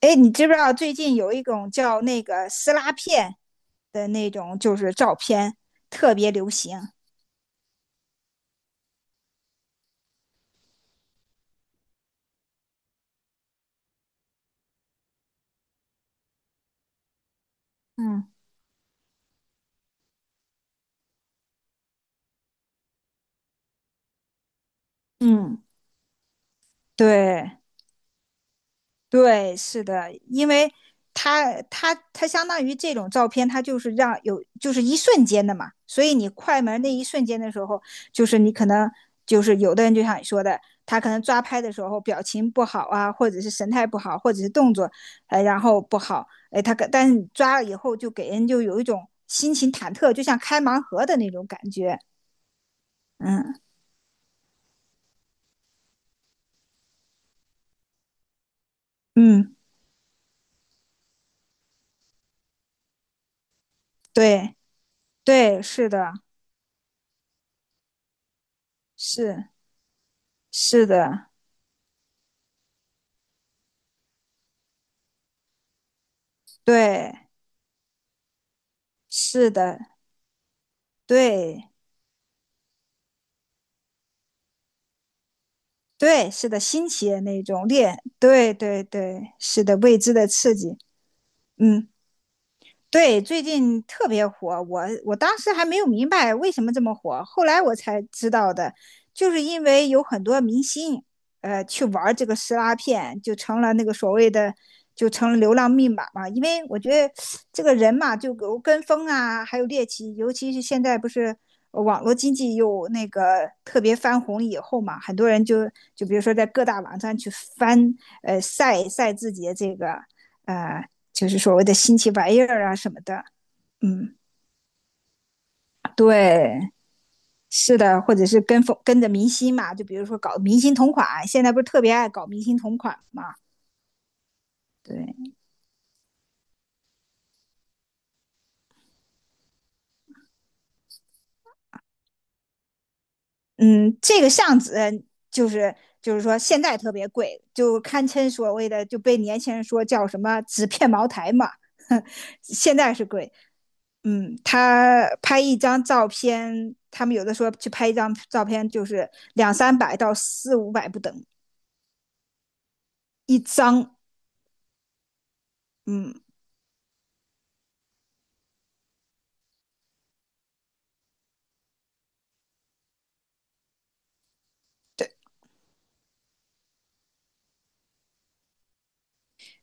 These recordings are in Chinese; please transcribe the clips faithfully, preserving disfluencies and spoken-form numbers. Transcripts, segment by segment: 哎，你知不知道最近有一种叫那个撕拉片的那种，就是照片特别流行。嗯嗯，对，对，是的，因为它它它相当于这种照片，它就是让有就是一瞬间的嘛，所以你快门那一瞬间的时候，就是你可能就是有的人就像你说的，他可能抓拍的时候表情不好啊，或者是神态不好，或者是动作，哎，然后不好，哎，他可但是你抓了以后就给人就有一种心情忐忑，就像开盲盒的那种感觉。嗯嗯，对对，是的，是是的，对。是的，对对，是的，新奇的那种恋，对对对，是的，未知的刺激。嗯。对，最近特别火，我我当时还没有明白为什么这么火，后来我才知道的，就是因为有很多明星，呃，去玩这个撕拉片，就成了那个所谓的，就成了流浪密码嘛。因为我觉得这个人嘛，就有跟风啊，还有猎奇，尤其是现在不是呃网络经济又那个特别翻红以后嘛，很多人就就比如说在各大网站去翻。呃，晒晒自己的这个。呃，就是所谓的新奇玩意儿啊什么的。嗯，对，是的，或者是跟风跟着明星嘛，就比如说搞明星同款，现在不是特别爱搞明星同款嘛？对，嗯，这个相纸就是就是说现在特别贵，就堪称所谓的就被年轻人说叫什么纸片茅台嘛。现在是贵。嗯，他拍一张照片，他们有的说去拍一张照片就是两三百到四五百不等一张。嗯，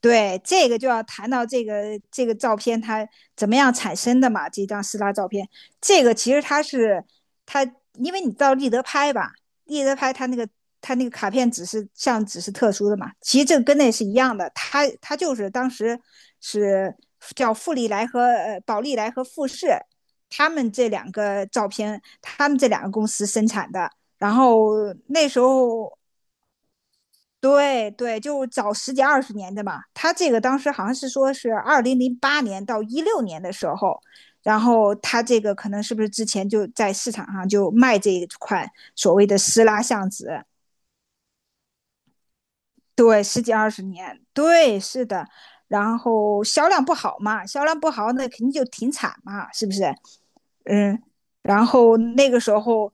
对，这个就要谈到这个这个照片它怎么样产生的嘛？这张撕拉照片，这个其实它是它，因为你到立德拍吧，立德拍它那个它那个卡片纸是像纸是特殊的嘛，其实这个跟那是一样的，它它就是当时是叫富利来和呃宝利来和富士，他们这两个照片，他们这两个公司生产的，然后那时候。对对，就早十几二十年的嘛。他这个当时好像是说是二零零八年到一六年的时候，然后他这个可能是不是之前就在市场上就卖这一款所谓的撕拉橡子？对，十几二十年，对，是的。然后销量不好嘛，销量不好那肯定就停产嘛，是不是？嗯，然后那个时候，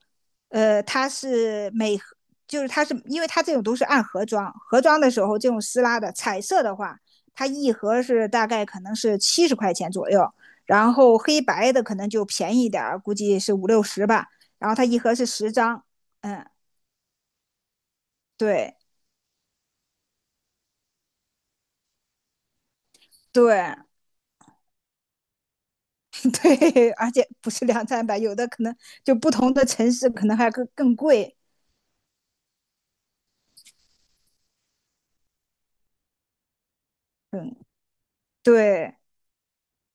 呃，它是每盒就是它是因为它这种都是按盒装，盒装的时候这种撕拉的彩色的话，它一盒是大概可能是七十块钱左右，然后黑白的可能就便宜一点儿，估计是五六十吧。然后它一盒是十张。嗯，对对 对，而且不是两三百，有的可能就不同的城市可能还更更贵，对，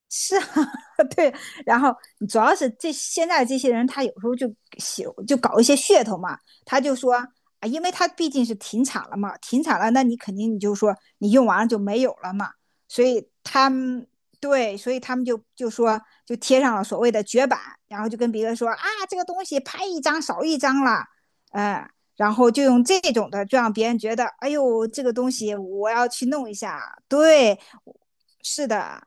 是 对，然后主要是这现在这些人，他有时候就喜就搞一些噱头嘛，他就说啊，因为他毕竟是停产了嘛，停产了，那你肯定你就说你用完了就没有了嘛，所以他们对，所以他们就就说就贴上了所谓的绝版，然后就跟别人说啊，这个东西拍一张少一张了。嗯，然后就用这种的，就让别人觉得，哎呦，这个东西我要去弄一下。对。是的，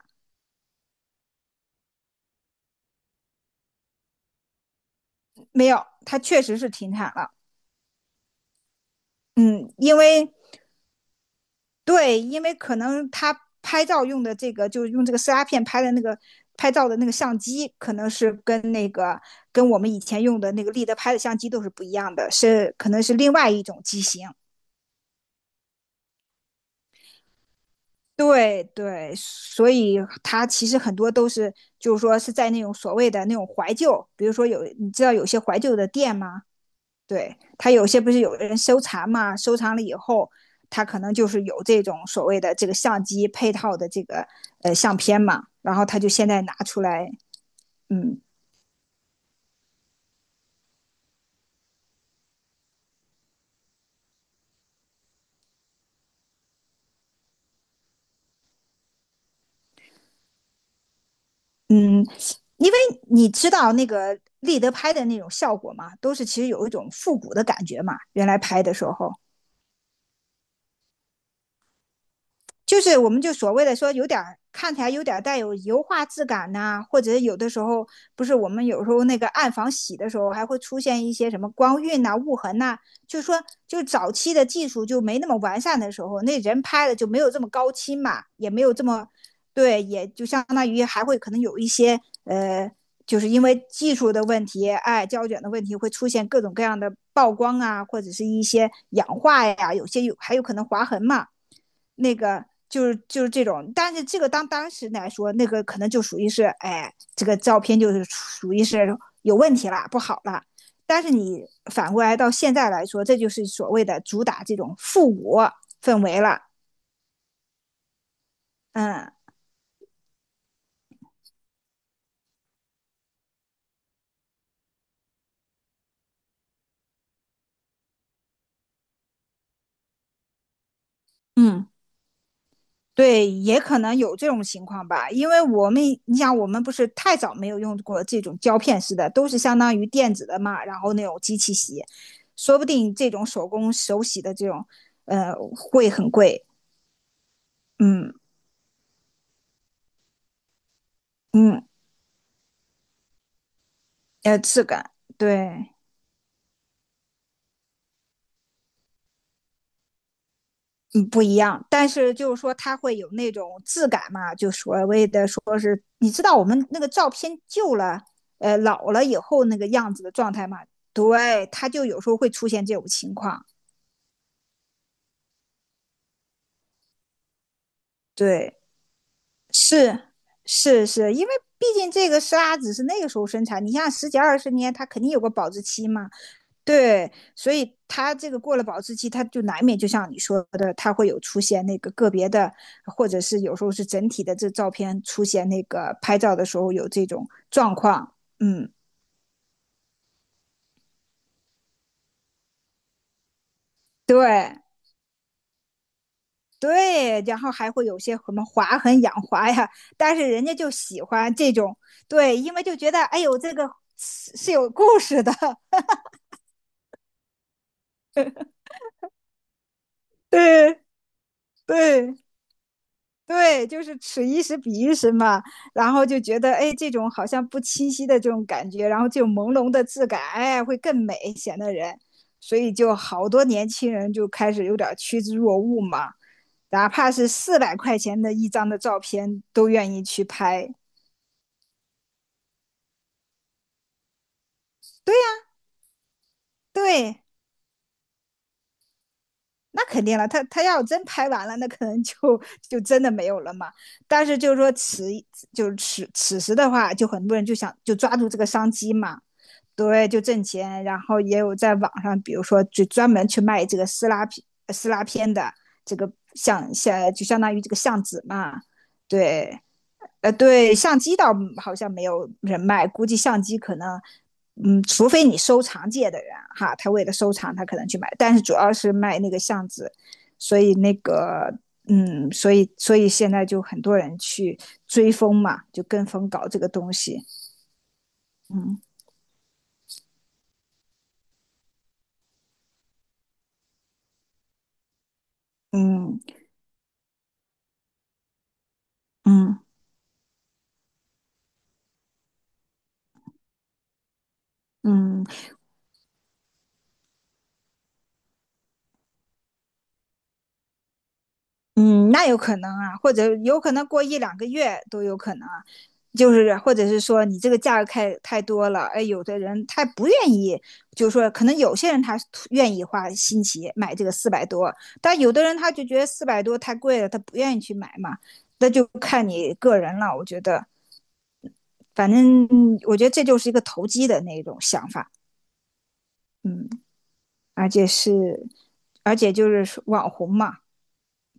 没有，它确实是停产了。嗯，因为对，因为可能它拍照用的这个，就是用这个撕拉片拍的那个拍照的那个相机，可能是跟那个跟我们以前用的那个立德拍的相机都是不一样的，是可能是另外一种机型。对对，所以它其实很多都是，就是说是在那种所谓的那种怀旧，比如说有你知道有些怀旧的店吗？对他有些不是有人收藏嘛，收藏了以后，他可能就是有这种所谓的这个相机配套的这个呃相片嘛，然后他就现在拿出来。嗯嗯，因为你知道那个立德拍的那种效果嘛，都是其实有一种复古的感觉嘛，原来拍的时候，就是我们就所谓的说有点看起来有点带有油画质感呐、啊或者有的时候不是我们有时候那个暗房洗的时候还会出现一些什么光晕呐、啊雾痕呐、啊就是说就早期的技术就没那么完善的时候，那人拍的就没有这么高清嘛，也没有这么对，也就相当于还会可能有一些呃。就是因为技术的问题，哎，胶卷的问题会出现各种各样的曝光啊，或者是一些氧化呀，有些有还有可能划痕嘛。那个就是就是这种，但是这个当当时来说，那个可能就属于是，哎，这个照片就是属于是有问题了，不好了。但是你反过来到现在来说，这就是所谓的主打这种复古氛围了。嗯嗯，对，也可能有这种情况吧，因为我们你想，我们不是太早没有用过这种胶片式的，都是相当于电子的嘛，然后那种机器洗，说不定这种手工手洗的这种，呃，会很贵。嗯嗯，呃，质感对，嗯不一样。但是就是说，它会有那种质感嘛，就所谓的说是，你知道我们那个照片旧了，呃，老了以后那个样子的状态嘛？对，它就有时候会出现这种情况。对，是是是，因为毕竟这个沙子是那个时候生产，你像十几二十年，它肯定有个保质期嘛。对，所以它这个过了保质期，它就难免就像你说的，它会有出现那个个别的，或者是有时候是整体的这照片出现那个拍照的时候有这种状况。嗯，对对，然后还会有些什么划痕、氧化呀，但是人家就喜欢这种，对，因为就觉得哎呦，这个是是有故事的，对对。对，就是此一时彼一时嘛，然后就觉得，哎，这种好像不清晰的这种感觉，然后这种朦胧的质感，哎，会更美，显得人，所以就好多年轻人就开始有点趋之若鹜嘛，哪怕是四百块钱的一张的照片，都愿意去拍。对呀，对，那肯定了，他他要真拍完了，那可能就就真的没有了嘛。但是就是说此就是此此时的话，就很多人就想就抓住这个商机嘛。对，就挣钱。然后也有在网上，比如说就专门去卖这个撕拉片、呃撕拉片的这个相相，就相当于这个相纸嘛。对，呃，对，相机倒好像没有人卖，估计相机可能，嗯，除非你收藏界的人哈，他为了收藏，他可能去买，但是主要是卖那个相纸，所以那个。嗯，所以所以现在就很多人去追风嘛，就跟风搞这个东西。嗯嗯嗯嗯，嗯，那有可能啊，或者有可能过一两个月都有可能啊，就是或者是说你这个价格太太多了，哎，有的人他不愿意，就是说可能有些人他愿意花新奇买这个四百多，但有的人他就觉得四百多太贵了，他不愿意去买嘛，那就看你个人了，我觉得，反正我觉得这就是一个投机的那种想法，嗯，而且是，而且就是网红嘛，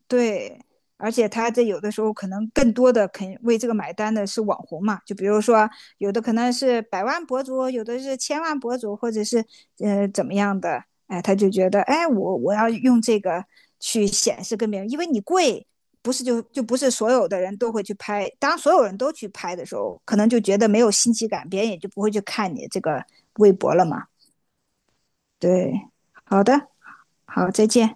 对，而且他这有的时候可能更多的肯为这个买单的是网红嘛，就比如说有的可能是百万博主，有的是千万博主，或者是呃怎么样的，哎，他就觉得哎我我要用这个去显示跟别人，因为你贵，不是就就不是所有的人都会去拍，当所有人都去拍的时候，可能就觉得没有新奇感，别人也就不会去看你这个微博了嘛。对，好的，好，再见。